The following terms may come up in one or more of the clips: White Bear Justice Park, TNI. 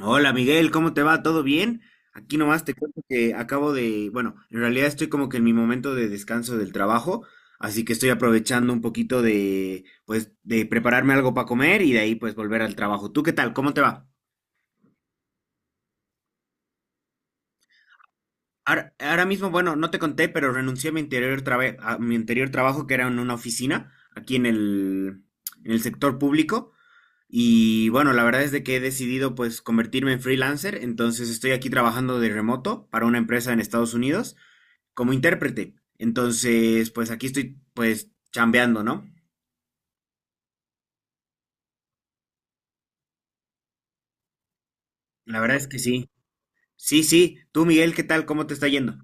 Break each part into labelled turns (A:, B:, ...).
A: Hola Miguel, ¿cómo te va? ¿Todo bien? Aquí nomás te cuento que acabo de, bueno, en realidad estoy como que en mi momento de descanso del trabajo, así que estoy aprovechando un poquito de, pues, de prepararme algo para comer y de ahí pues volver al trabajo. ¿Tú qué tal? ¿Cómo te va? Ahora mismo, bueno, no te conté, pero renuncié a mi a mi anterior trabajo que era en una oficina aquí en el sector público. Y bueno, la verdad es de que he decidido pues convertirme en freelancer, entonces estoy aquí trabajando de remoto para una empresa en Estados Unidos, como intérprete. Entonces, pues aquí estoy, pues, chambeando, ¿no? La verdad es que sí. Sí, sí. Tú, Miguel, ¿qué tal? ¿Cómo te está yendo?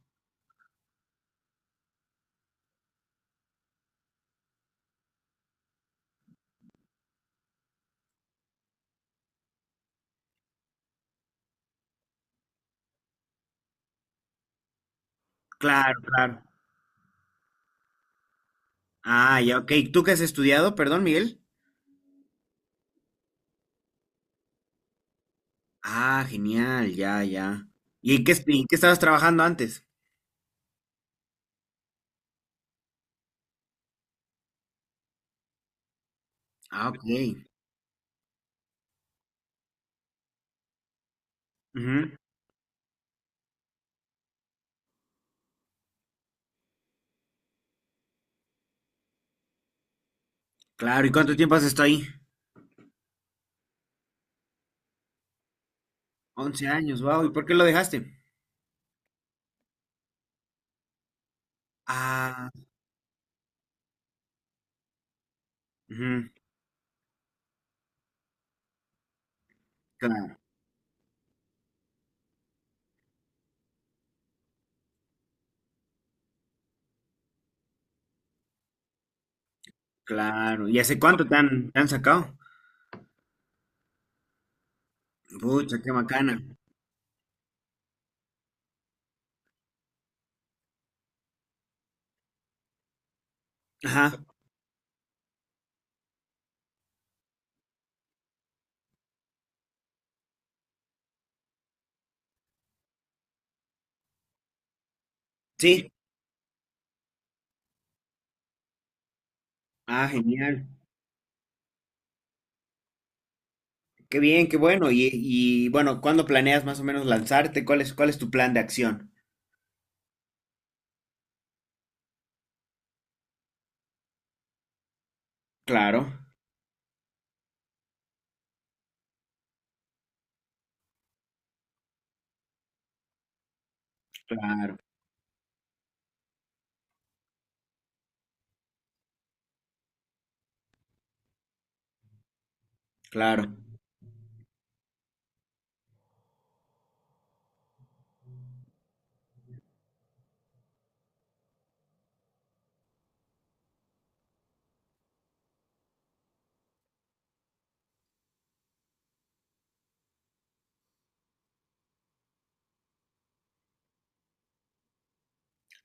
A: Claro, claro. Ah, ya, ok. ¿Tú qué has estudiado? Perdón, Miguel. Ah, genial, ya, ya. ¿Y en qué estabas trabajando antes? Ah, ok. Ujú. Claro, ¿y cuánto tiempo has estado ahí? 11 años, wow. ¿Y por qué lo dejaste? Ah, ujú, claro, claro. ¿Y hace cuánto te han sacado? Pucha, qué macana. Ajá, sí. Ah, genial. Qué bien, qué bueno. Y, bueno, ¿cuándo planeas más o menos lanzarte? ¿Cuál es tu plan de acción? Claro, claro, claro.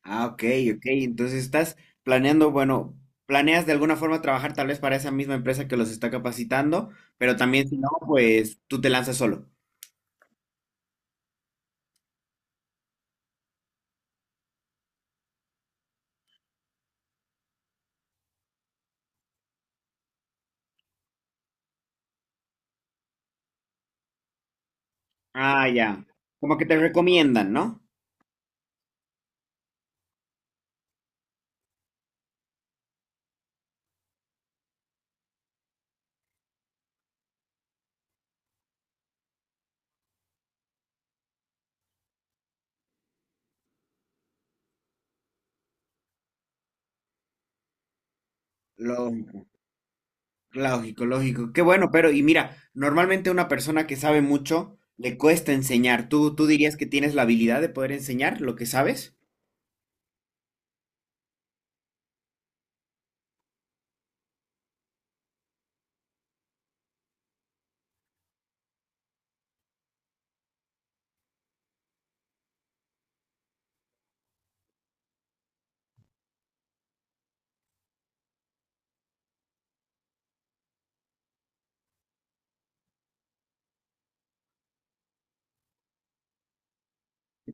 A: Ah, ok, ok. Entonces estás planeando, bueno, planeas de alguna forma trabajar tal vez para esa misma empresa que los está capacitando, pero también si no, pues tú te lanzas solo. Ah, ya. Como que te recomiendan, ¿no? Lógico, lógico, lógico. Qué bueno, pero y mira, normalmente una persona que sabe mucho le cuesta enseñar. ¿Tú dirías que tienes la habilidad de poder enseñar lo que sabes?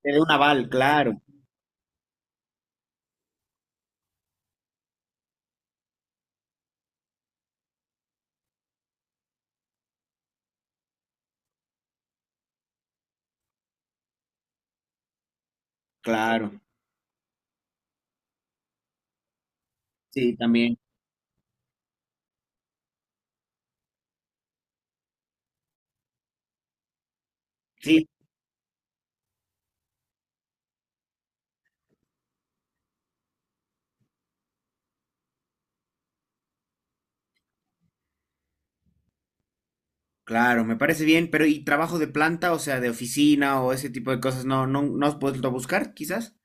A: Te dé un aval, claro, claro. Sí, también. Sí, claro, me parece bien, pero ¿y trabajo de planta, o sea, de oficina o ese tipo de cosas? ¿No, no, no has vuelto a buscar, quizás?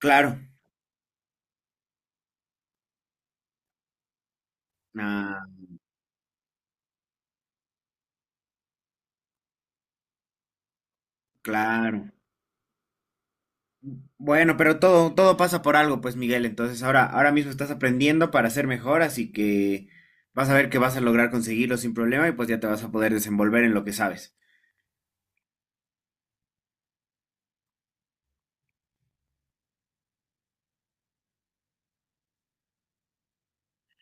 A: Claro. Ah, claro. Bueno, pero todo, todo pasa por algo, pues, Miguel. Entonces, ahora mismo estás aprendiendo para ser mejor, así que vas a ver que vas a lograr conseguirlo sin problema y pues ya te vas a poder desenvolver en lo que sabes.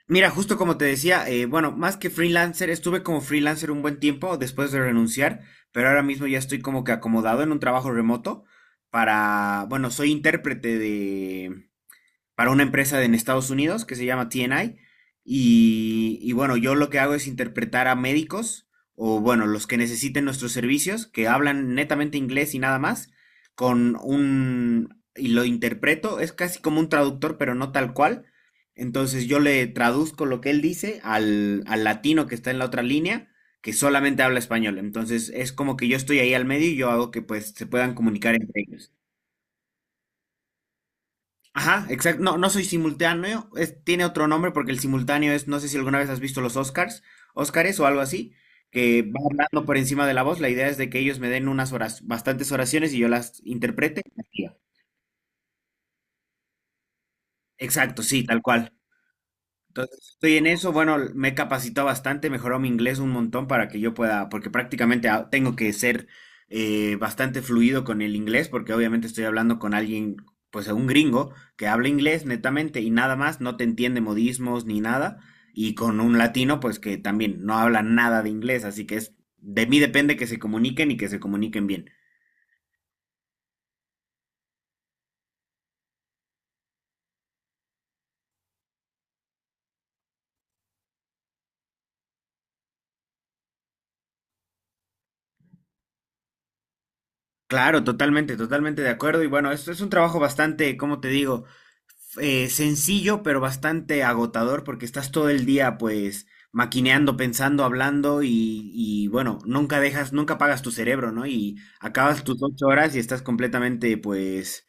A: Mira, justo como te decía, bueno, más que freelancer, estuve como freelancer un buen tiempo después de renunciar, pero ahora mismo ya estoy como que acomodado en un trabajo remoto para, bueno, soy intérprete para una empresa en Estados Unidos que se llama TNI. Y bueno, yo lo que hago es interpretar a médicos o bueno, los que necesiten nuestros servicios, que hablan netamente inglés y nada más, con un... y lo interpreto, es casi como un traductor, pero no tal cual. Entonces yo le traduzco lo que al latino que está en la otra línea, que solamente habla español. Entonces es como que yo estoy ahí al medio y yo hago que pues se puedan comunicar entre ellos. Ajá, exacto. No, no soy simultáneo. Tiene otro nombre porque el simultáneo es, no sé si alguna vez has visto los Oscars, Oscars o algo así, que va hablando por encima de la voz. La idea es de que ellos me den unas horas, bastantes oraciones y yo las interprete. Exacto, sí, tal cual. Entonces, estoy en eso. Bueno, me he capacitado bastante, mejoró mi inglés un montón para que yo pueda, porque prácticamente tengo que ser bastante fluido con el inglés, porque obviamente estoy hablando con alguien, pues un gringo, que habla inglés netamente y nada más, no te entiende modismos ni nada, y con un latino, pues que también no habla nada de inglés, así que es, de mí depende que se comuniquen y que se comuniquen bien. Claro, totalmente, totalmente de acuerdo. Y bueno, esto es un trabajo bastante, como te digo, sencillo, pero bastante agotador porque estás todo el día pues maquineando, pensando, hablando y, bueno, nunca dejas, nunca pagas tu cerebro, ¿no? Y acabas tus ocho horas y estás completamente pues,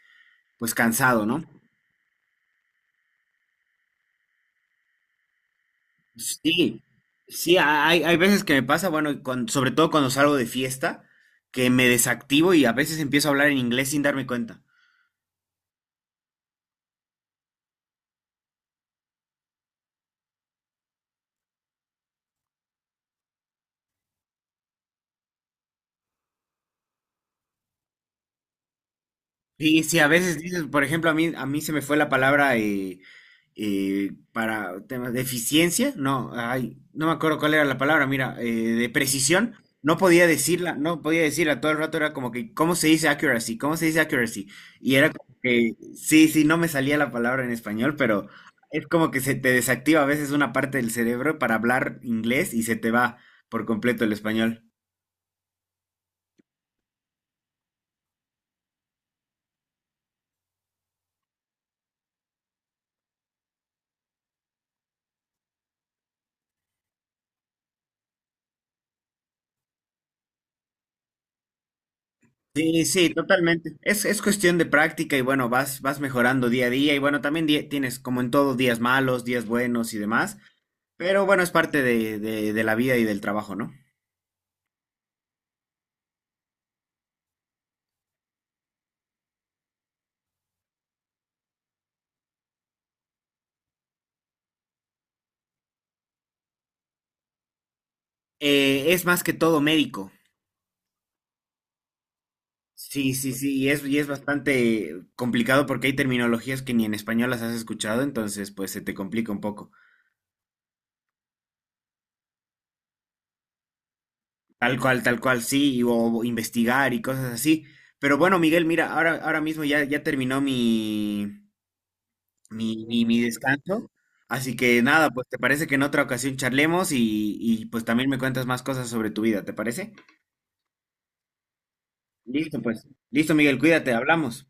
A: pues cansado, ¿no? Sí, sí, hay, hay veces que me pasa, bueno, sobre todo cuando salgo de fiesta, que me desactivo y a veces empiezo a hablar en inglés sin darme cuenta. Sí, sí, a veces dices, por ejemplo, a mí se me fue la palabra para temas de eficiencia, no, ay, no me acuerdo cuál era la palabra, mira, de precisión, no podía decirla, no podía decirla, todo el rato era como que, ¿cómo se dice accuracy? ¿Cómo se dice accuracy? Y era como que, sí, sí, no me salía la palabra en español, pero es como que se te desactiva a veces una parte del cerebro para hablar inglés y se te va por completo el español. Sí, sí, totalmente. Es cuestión de práctica y bueno, vas, vas mejorando día a día y bueno, también tienes como en todo días malos, días buenos y demás, pero bueno, es parte de la vida y del trabajo, ¿no? Es más que todo médico. Sí, sí, sí, y es bastante complicado porque hay terminologías que ni en español las has escuchado, entonces pues se te complica un poco. Tal cual, sí, o investigar y cosas así. Pero bueno, Miguel, mira, ahora mismo ya, ya terminó mi descanso. Así que nada, pues te parece que en otra ocasión charlemos y pues también me cuentas más cosas sobre tu vida, ¿te parece? Listo, pues. Listo, Miguel, cuídate, hablamos.